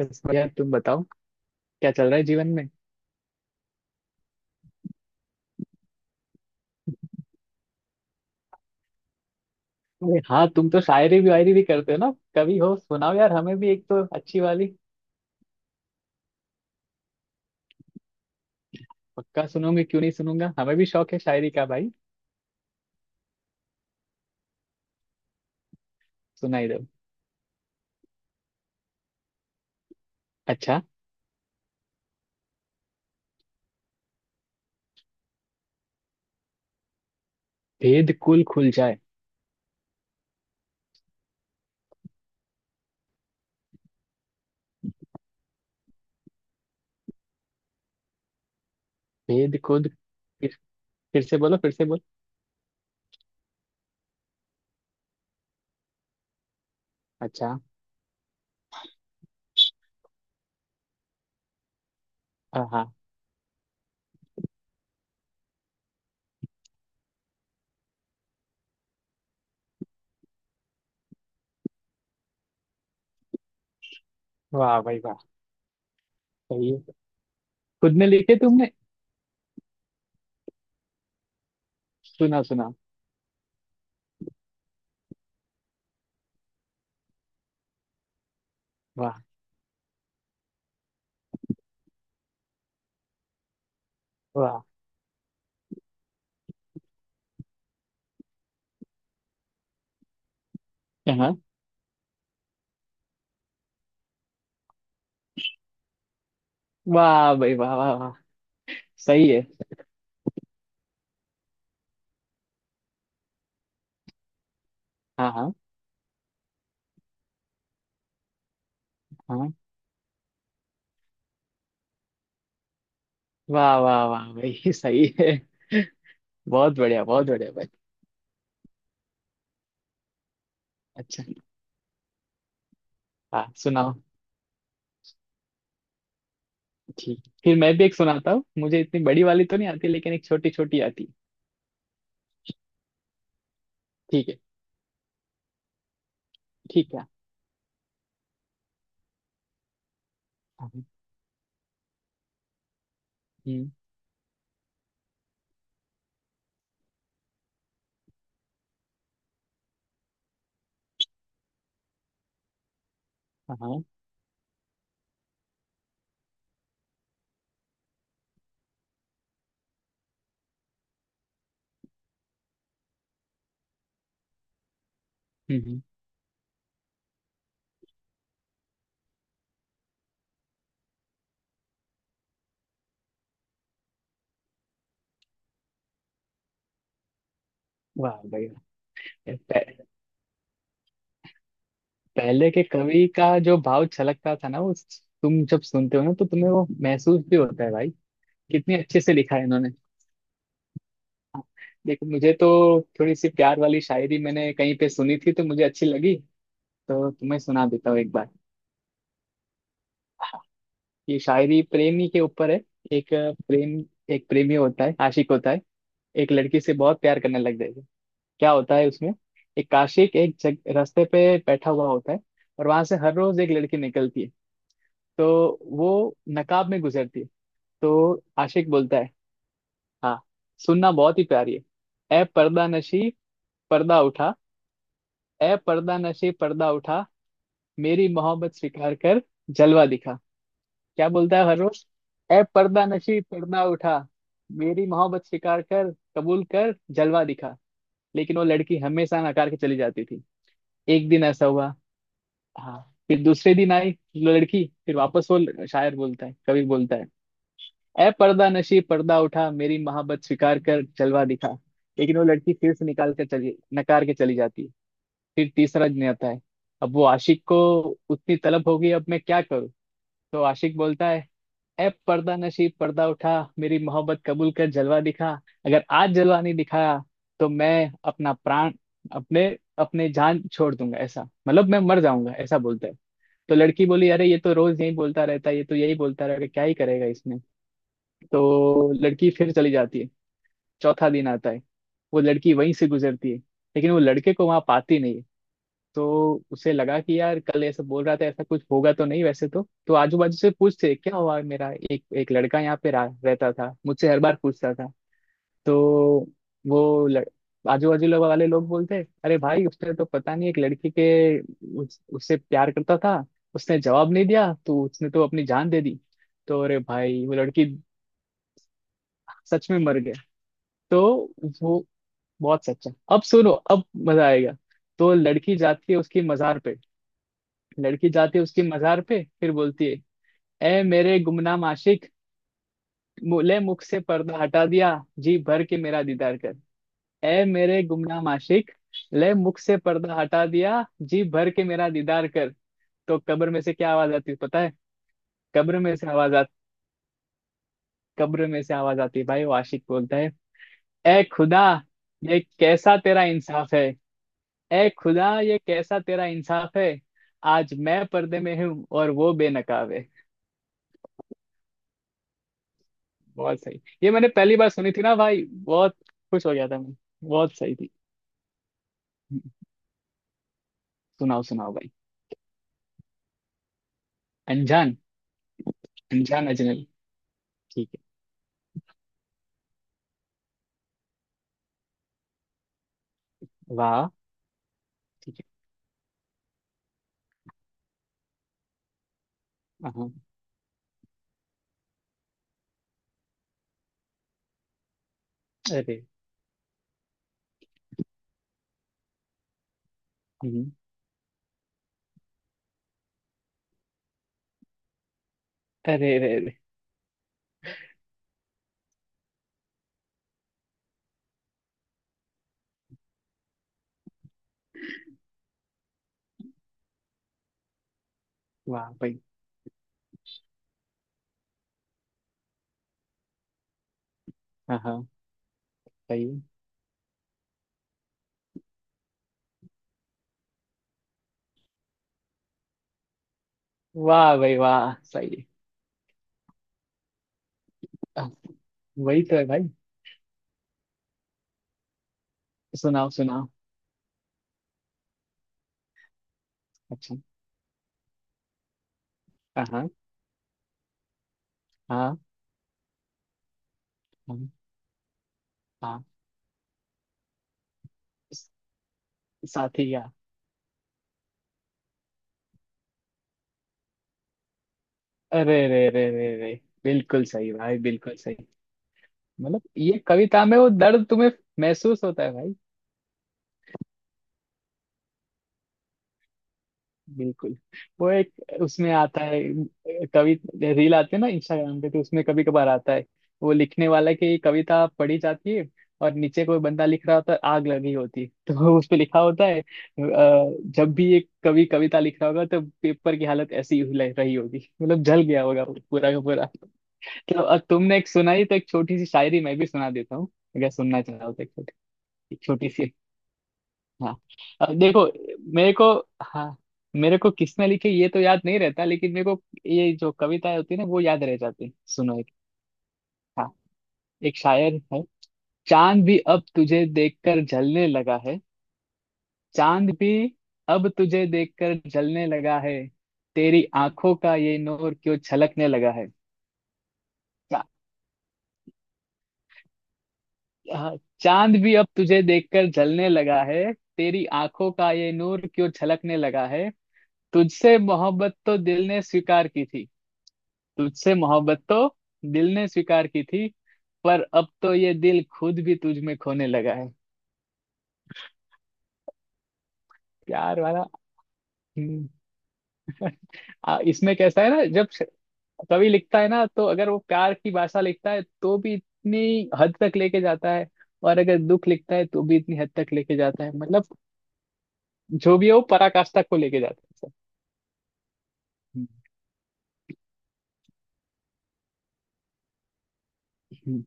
बस बढ़िया, तुम बताओ। क्या चल रहा है जीवन में? अरे हाँ, तुम तो शायरी भी वायरी भी करते हो ना। कभी हो सुनाओ यार, हमें भी एक तो अच्छी वाली। पक्का सुनोगे क्यों नहीं, सुनूंगा, हमें भी शौक है शायरी का भाई। सुनाई दो। अच्छा, भेद कुल खुल जाए। भेद खुद। फिर, फिर से बोलो, फिर से बोलो। अच्छा। हाँ हाँ। वाह भाई वाह, सही है। खुद ने लिखे तुमने? सुना सुना। वाह वाह। हाँ। वाह भाई वाह वाह वाह, सही है। हाँ हाँ। हाँ। वाह वाह वाह भाई सही है। बहुत बढ़िया, बहुत बढ़िया भाई। अच्छा। हाँ, सुनाओ। ठीक, फिर मैं भी एक सुनाता हूँ। मुझे इतनी बड़ी वाली तो नहीं आती, लेकिन एक छोटी छोटी आती। ठीक है। ठीक है। हाँ। हम्म। हाँ। हम्म। हम्म। वाह भाई वाह। पह- पहले के कवि का जो भाव छलकता था ना वो, तुम जब सुनते हो ना तो तुम्हें वो महसूस भी होता है भाई। कितने अच्छे से लिखा है इन्होंने। देखो, मुझे तो थोड़ी सी प्यार वाली शायरी मैंने कहीं पे सुनी थी तो मुझे अच्छी लगी। तो तुम्हें सुना देता हूँ एक बार। ये शायरी प्रेमी के ऊपर है। एक प्रेम, एक प्रेमी होता है, आशिक होता है। एक लड़की से बहुत प्यार करने लग जाएगा। क्या होता है उसमें, एक काशिक एक रास्ते पे बैठा हुआ होता है। और वहां से हर रोज एक लड़की निकलती है। तो वो नकाब में गुजरती है। तो आशिक बोलता है, हाँ सुनना, बहुत ही प्यारी है। ए पर्दा नशी, पर्दा उठा। ए पर्दा नशी, पर्दा उठा, मेरी मोहब्बत स्वीकार कर, जलवा दिखा। क्या बोलता है हर रोज। ए पर्दा नशी, पर्दा उठा, मेरी मोहब्बत स्वीकार कर, कबूल कर, जलवा दिखा। लेकिन वो लड़की हमेशा नकार के चली जाती थी। एक दिन ऐसा हुआ, हाँ, फिर दूसरे दिन आई लड़की फिर वापस वो शायर बोलता है, कवि बोलता है, ए पर्दा नशी पर्दा उठा, मेरी मोहब्बत स्वीकार कर, जलवा दिखा। लेकिन वो लड़की फिर से निकाल कर चली, नकार के चली जाती है। फिर तीसरा दिन आता है। अब वो आशिक को उतनी तलब हो गई, अब मैं क्या करूँ। तो आशिक बोलता है, ए पर्दा नशीब पर्दा उठा, मेरी मोहब्बत कबूल कर, जलवा दिखा। अगर आज जलवा नहीं दिखाया, तो मैं अपना प्राण, अपने अपने जान छोड़ दूंगा, ऐसा, मतलब मैं मर जाऊंगा, ऐसा बोलता है। तो लड़की बोली, अरे ये तो रोज यही बोलता रहता है, ये तो यही बोलता रहेगा, क्या ही करेगा इसने। तो लड़की फिर चली जाती है। चौथा दिन आता है, वो लड़की वहीं से गुजरती है, लेकिन वो लड़के को वहां पाती नहीं है। तो उसे लगा कि यार कल ऐसा बोल रहा था, ऐसा कुछ होगा तो नहीं, वैसे तो आजू बाजू से पूछते क्या हुआ, मेरा एक एक लड़का यहाँ पे रहता था, मुझसे हर बार पूछता था। तो वो लड़... आजू बाजू लोग वाले लोग बोलते, अरे भाई उसने तो पता नहीं एक लड़की के उससे प्यार करता था, उसने जवाब नहीं दिया तो उसने तो अपनी जान दे दी। तो अरे भाई वो लड़की सच में मर गई। तो वो बहुत सच्चा, अब सुनो अब मजा आएगा। तो लड़की जाती है उसकी मजार पे। लड़की जाती है उसकी मजार पे, फिर बोलती है, ए मेरे गुमनाम आशिक, ले मुख से पर्दा हटा दिया, जी भर के मेरा दीदार कर। ए मेरे गुमनाम आशिक, ले मुख से पर्दा हटा दिया, जी भर के मेरा दीदार कर। तो कब्र में से क्या आवाज आती है पता है? कब्र में से आवाज आती, कब्र में से आवाज आती है भाई, वो आशिक बोलता है, ए खुदा, ये कैसा तेरा इंसाफ है। ए खुदा, ये कैसा तेरा इंसाफ है, आज मैं पर्दे में हूँ और वो बेनकाब है। बहुत सही, ये मैंने पहली बार सुनी थी ना भाई, बहुत खुश हो गया था मैं। बहुत सही थी। हम्म, सुनाओ सुनाओ भाई। अनजान। अनजान अजनबी। ठीक है। वाह। ठीक है। हाँ। अरे। हम्म। अरे अरे अरे। वाह भाई। हाँ हाँ। सही है। वाह भाई वाह, सही है। आह, वही तो है भाई। सुनाओ सुनाओ। अच्छा। हाँ हाँ। हाँ। हाँ। हाँ, साथी का। अरे अरे अरे अरे अरे। बिल्कुल सही भाई, बिल्कुल सही। मतलब ये कविता में वो दर्द तुम्हें महसूस होता है भाई। बिल्कुल। वो एक उसमें आता है, कवि, रील आते हैं ना इंस्टाग्राम पे, तो उसमें कभी कभार आता है, वो लिखने वाला की कविता पढ़ी जाती है, और नीचे कोई बंदा लिख रहा होता है आग लगी होती है। तो उस पे लिखा होता है जब भी एक कवि कविता लिख रहा होगा तो पेपर की हालत ऐसी ही रही होगी, मतलब जल गया होगा वो पूरा का पूरा। तो अब तुमने एक सुनाई तो एक छोटी सी शायरी मैं भी सुना देता हूँ, अगर सुनना चाहो तो, एक छोटी, एक छोटी सी। हाँ, अब देखो, मेरे को, हाँ, मेरे को किसने लिखी ये तो याद नहीं रहता, लेकिन मेरे को ये जो कविताएं होती है ना वो याद रह जाती। सुनो एक, हाँ, एक शायर है। चांद भी अब तुझे देखकर जलने लगा है। चांद भी अब तुझे देखकर जलने लगा है, तेरी आंखों का ये नूर क्यों छलकने लगा है। चा, हाँ, चांद भी अब तुझे देखकर जलने लगा है, तेरी आंखों का ये नूर क्यों छलकने लगा है। तुझसे मोहब्बत तो दिल ने स्वीकार की थी। तुझसे मोहब्बत तो दिल ने स्वीकार की थी, पर अब तो ये दिल खुद भी तुझ में खोने लगा है। प्यार वाला। हम्म। इसमें कैसा है ना, जब कवि लिखता है ना, तो अगर वो प्यार की भाषा लिखता है तो भी इतनी हद तक लेके जाता है, और अगर दुख लिखता है तो भी इतनी हद तक लेके जाता है, मतलब जो भी है वो पराकाष्ठा को लेके जाता है सब। हम्म। हम्म।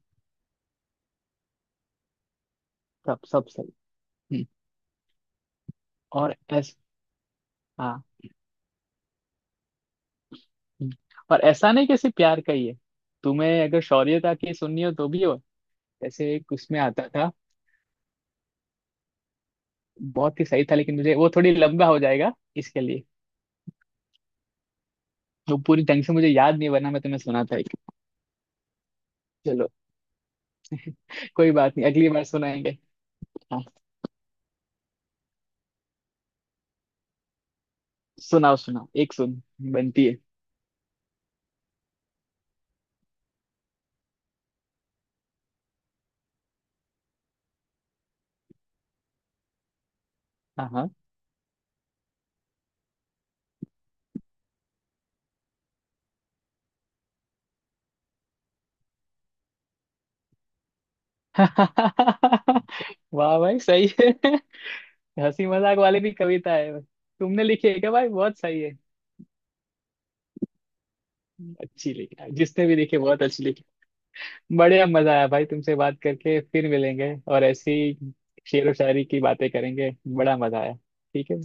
सब सब सही। हम्म। और ऐसा, हाँ, हम्म, और ऐसा नहीं कि सिर्फ प्यार का ही है। तुम्हें अगर शौर्यता की सुननी हो तो भी हो। जैसे एक उसमें आता था, बहुत ही सही था, लेकिन मुझे वो थोड़ी लंबा हो जाएगा इसके लिए। वो पूरी ढंग से मुझे याद नहीं, बना मैं तुम्हें सुनाता एक, चलो कोई बात नहीं, अगली बार सुनाएंगे। हाँ, सुनाओ सुनाओ, एक सुन बनती है। हाँ हाँ। वाह भाई सही है। हंसी मजाक वाली भी कविता है, तुमने लिखी है क्या भाई? बहुत सही है। अच्छी लिखी है, जिसने भी लिखी बहुत अच्छी लिखी। बढ़िया, मजा आया भाई तुमसे बात करके, फिर मिलेंगे और ऐसी शेर व शायरी की बातें करेंगे। बड़ा मजा आया। ठीक है।